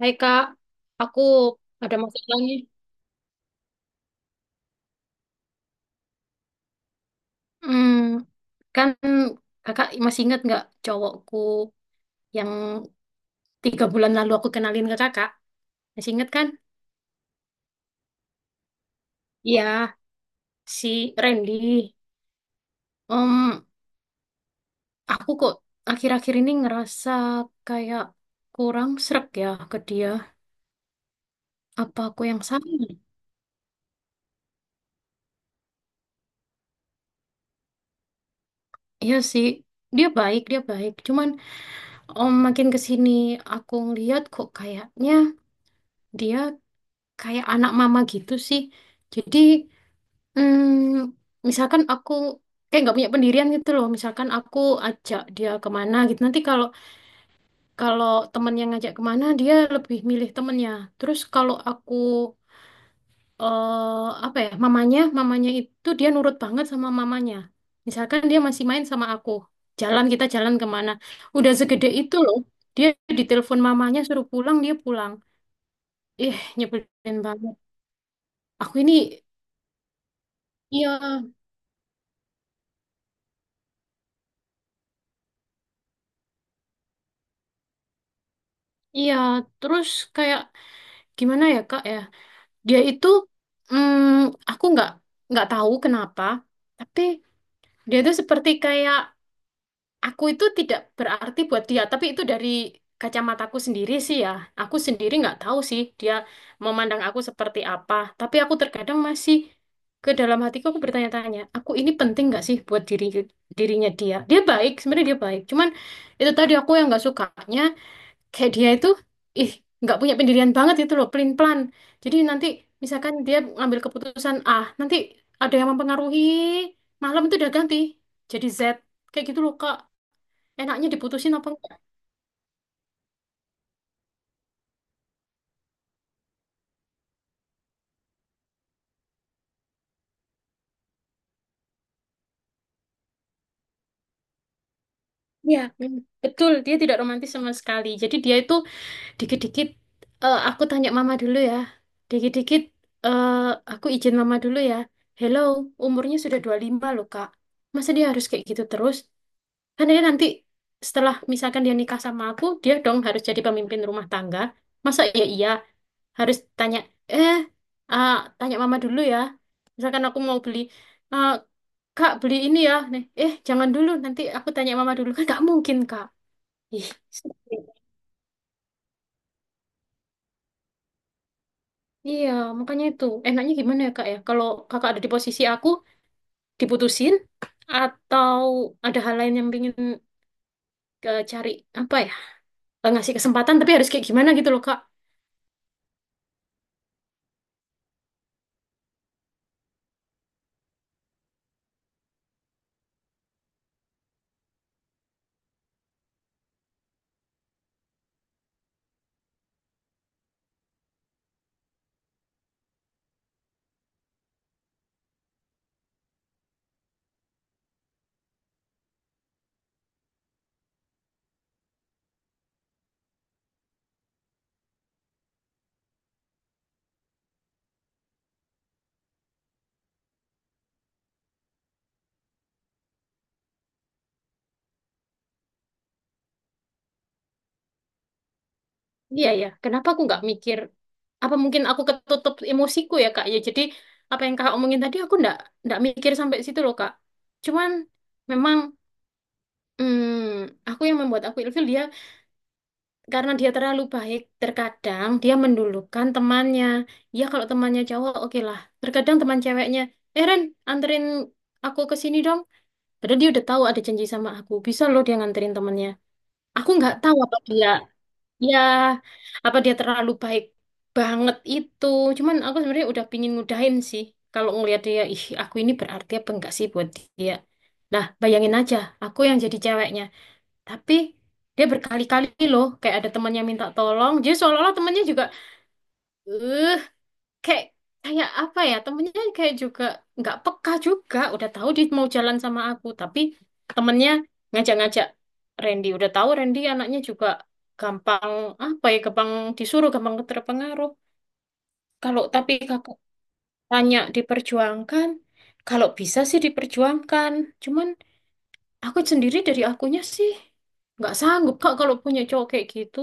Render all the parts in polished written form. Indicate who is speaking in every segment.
Speaker 1: Hai kak, aku ada masalah nih. Hmm, Kan kakak masih ingat nggak cowokku yang 3 bulan lalu aku kenalin ke kakak? Masih ingat kan? Iya, si Randy. Em, aku kok akhir-akhir ini ngerasa kayak kurang srek ya ke dia. Apa aku yang salah? Iya sih, dia baik, dia baik. Cuman om makin kesini aku ngeliat kok kayaknya dia kayak anak mama gitu sih. Jadi Hmm, misalkan aku kayak nggak punya pendirian gitu loh. Misalkan aku ajak dia kemana gitu. Nanti kalau kalau temen yang ngajak kemana dia lebih milih temennya. Terus kalau aku apa ya mamanya mamanya itu dia nurut banget sama mamanya. Misalkan dia masih main sama aku. Jalan kita jalan kemana. Udah segede itu loh. Dia ditelepon mamanya suruh pulang dia pulang. Ih, nyebelin banget. Aku ini, iya, iya, terus kayak gimana ya, Kak ya? Dia itu, mm, aku nggak tahu kenapa, tapi dia itu seperti kayak aku itu tidak berarti buat dia, tapi itu dari kacamataku sendiri sih ya. Aku sendiri nggak tahu sih dia memandang aku seperti apa, tapi aku terkadang masih ke dalam hatiku aku bertanya-tanya, aku ini penting nggak sih buat dirinya dia? Dia baik, sebenarnya dia baik, cuman itu tadi aku yang nggak sukanya, kayak dia itu, ih, nggak punya pendirian banget itu loh, pelin pelan. Jadi nanti misalkan dia ngambil keputusan A, nanti ada yang mempengaruhi, malam itu udah ganti jadi Z. Kayak gitu loh, Kak. Enaknya diputusin apa enggak? Iya. Betul, dia tidak romantis sama sekali. Jadi dia itu dikit dikit aku tanya mama dulu ya, dikit dikit aku izin mama dulu ya. Hello, umurnya sudah 25 loh, Kak. Masa dia harus kayak gitu terus? Kan dia nanti setelah misalkan dia nikah sama aku, dia dong harus jadi pemimpin rumah tangga. Masa iya, iya harus tanya, eh, ah, tanya mama dulu ya. Misalkan aku mau beli, ah, kak beli ini ya. Nih, eh jangan dulu, nanti aku tanya mama dulu. Kan nggak mungkin, Kak. Ih, sedih. Iya, makanya itu. Enaknya gimana ya, Kak ya? Kalau kakak ada di posisi aku, diputusin atau ada hal lain yang pingin, cari apa ya? Ngasih kesempatan tapi harus kayak gimana, gitu loh, Kak. Iya ya, kenapa aku nggak mikir, apa mungkin aku ketutup emosiku ya, Kak ya. Jadi apa yang Kak omongin tadi aku nggak mikir sampai situ loh, Kak. Cuman memang, aku yang membuat aku ilfil dia karena dia terlalu baik. Terkadang dia mendulukan temannya. Ya kalau temannya cowok oke lah. Terkadang teman ceweknya, eh Ren, anterin aku ke sini dong. Padahal dia udah tahu ada janji sama aku. Bisa loh dia nganterin temannya. Aku nggak tahu apa dia, ya, apa dia terlalu baik banget itu. Cuman aku sebenarnya udah pingin ngudahin sih. Kalau ngelihat dia, ih, aku ini berarti apa enggak sih buat dia. Nah, bayangin aja, aku yang jadi ceweknya. Tapi dia berkali-kali loh, kayak ada temannya minta tolong. Jadi seolah-olah temannya juga, eh kayak kayak apa ya, temennya kayak juga nggak peka juga, udah tahu dia mau jalan sama aku tapi temennya ngajak-ngajak Randy. Udah tahu Randy anaknya juga gampang, apa ya, gampang disuruh, gampang terpengaruh. Kalau tapi kakak tanya diperjuangkan, kalau bisa sih diperjuangkan, cuman aku sendiri dari akunya sih nggak sanggup, Kak, kalau punya cowok kayak gitu.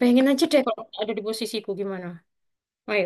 Speaker 1: Pengen aja deh, kalau ada di posisiku gimana, ayo.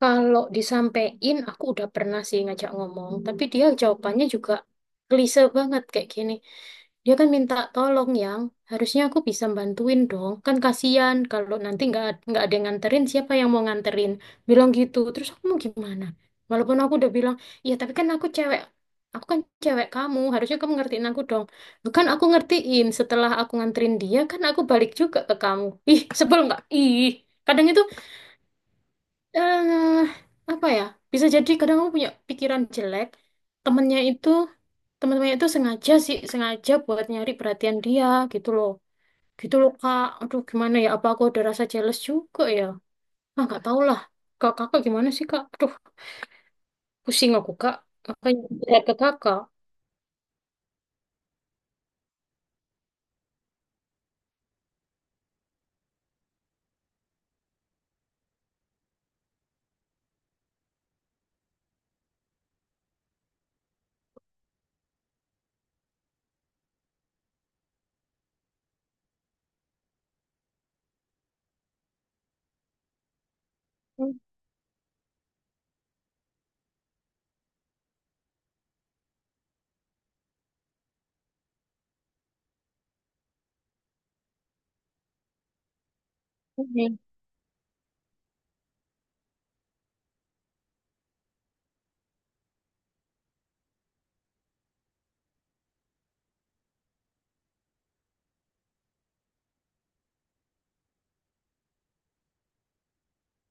Speaker 1: Kalau disampein, aku udah pernah sih ngajak ngomong, tapi dia jawabannya juga klise banget kayak gini. Dia kan minta tolong yang harusnya aku bisa bantuin dong. Kan kasihan kalau nanti nggak ada yang nganterin, siapa yang mau nganterin? Bilang gitu. Terus aku mau gimana? Walaupun aku udah bilang, ya tapi kan aku cewek, aku kan cewek kamu, harusnya kamu ngertiin aku dong. Bukan aku ngertiin, setelah aku nganterin dia, kan aku balik juga ke kamu. Ih, sebel nggak? Ih, kadang itu, eh apa ya? Bisa jadi kadang aku punya pikiran jelek. Temennya itu, teman-temannya itu sengaja sih, sengaja buat nyari perhatian dia, gitu loh. Gitu loh, Kak. Aduh, gimana ya? Apa aku ada rasa jealous juga ya? Ah, nggak tahu lah. Kak, kakak gimana sih, Kak? Aduh, pusing aku, Kak. Makanya lihat ke kakak. Hmm.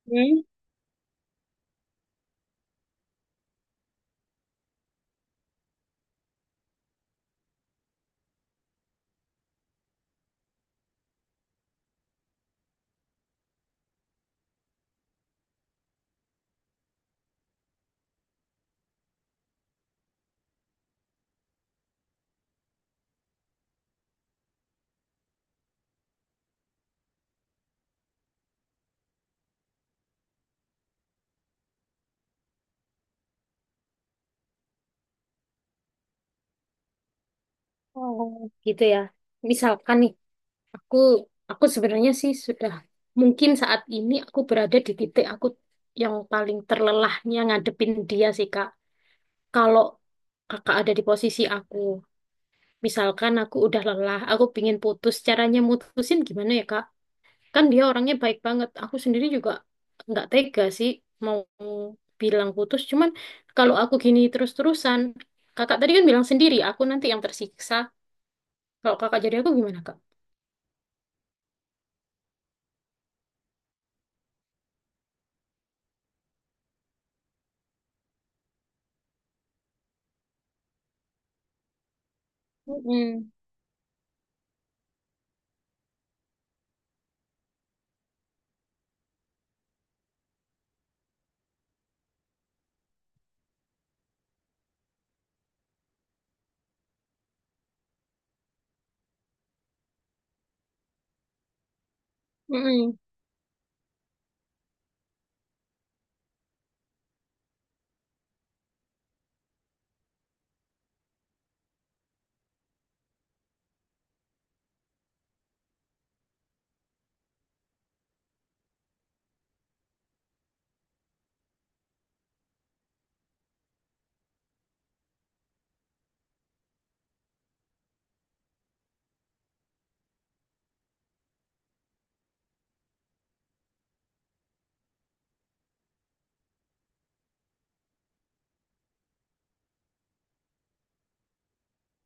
Speaker 1: Hmm. Oh, gitu ya. Misalkan nih, Aku aku sebenarnya sih sudah, mungkin saat ini aku berada di titik aku yang paling terlelahnya ngadepin dia sih, Kak. Kalau Kakak ada di posisi aku, misalkan aku udah lelah, aku pingin putus, caranya mutusin gimana ya, Kak? Kan dia orangnya baik banget. Aku sendiri juga nggak tega sih mau bilang putus. Cuman kalau aku gini terus-terusan, Kakak tadi kan bilang sendiri, aku nanti yang tersiksa. Kalau Kakak jadi aku gimana, Kak? Mm-mm. Mm-mm.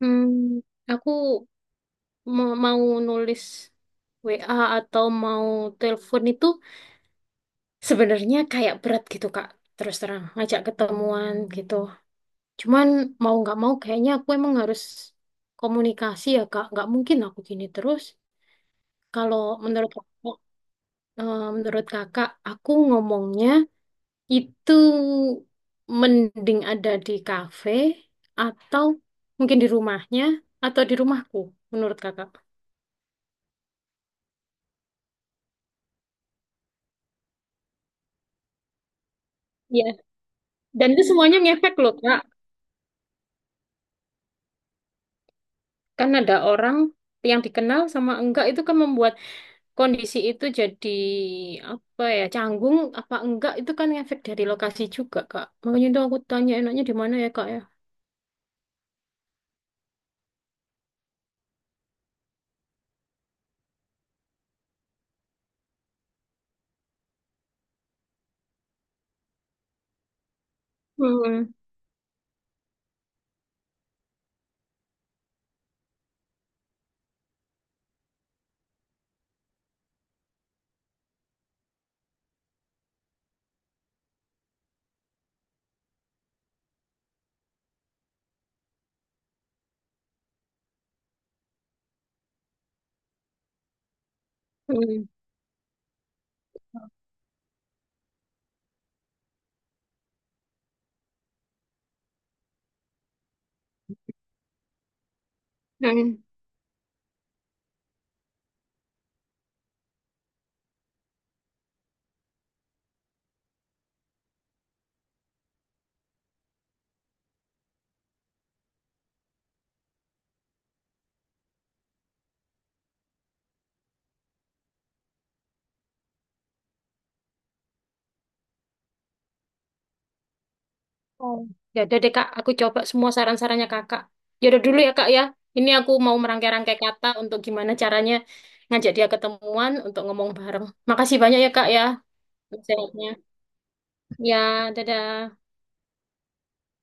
Speaker 1: Hmm, aku mau nulis WA atau mau telepon itu sebenarnya kayak berat gitu, Kak. Terus terang, ngajak ketemuan gitu. Cuman mau nggak mau kayaknya aku emang harus komunikasi ya, Kak. Nggak mungkin aku gini terus. Kalau menurut aku, menurut Kakak, aku ngomongnya itu mending ada di kafe atau mungkin di rumahnya atau di rumahku, menurut Kakak. Dan itu semuanya ngefek loh, Kak. Kan ada orang yang dikenal sama enggak itu kan membuat kondisi itu jadi, apa ya, canggung apa enggak, itu kan ngefek dari lokasi juga, Kak. Makanya itu aku tanya enaknya di mana ya, Kak ya. Hmm. Hmm. Hmm. Oh. Ya udah deh, Kak. Aku coba semua saran-sarannya Kakak. Ya udah dulu ya, Kak ya. Ini aku mau merangkai-rangkai kata untuk gimana caranya ngajak dia ketemuan untuk ngomong bareng. Makasih banyak ya, Kak ya. Nasihatnya. Ya, dadah.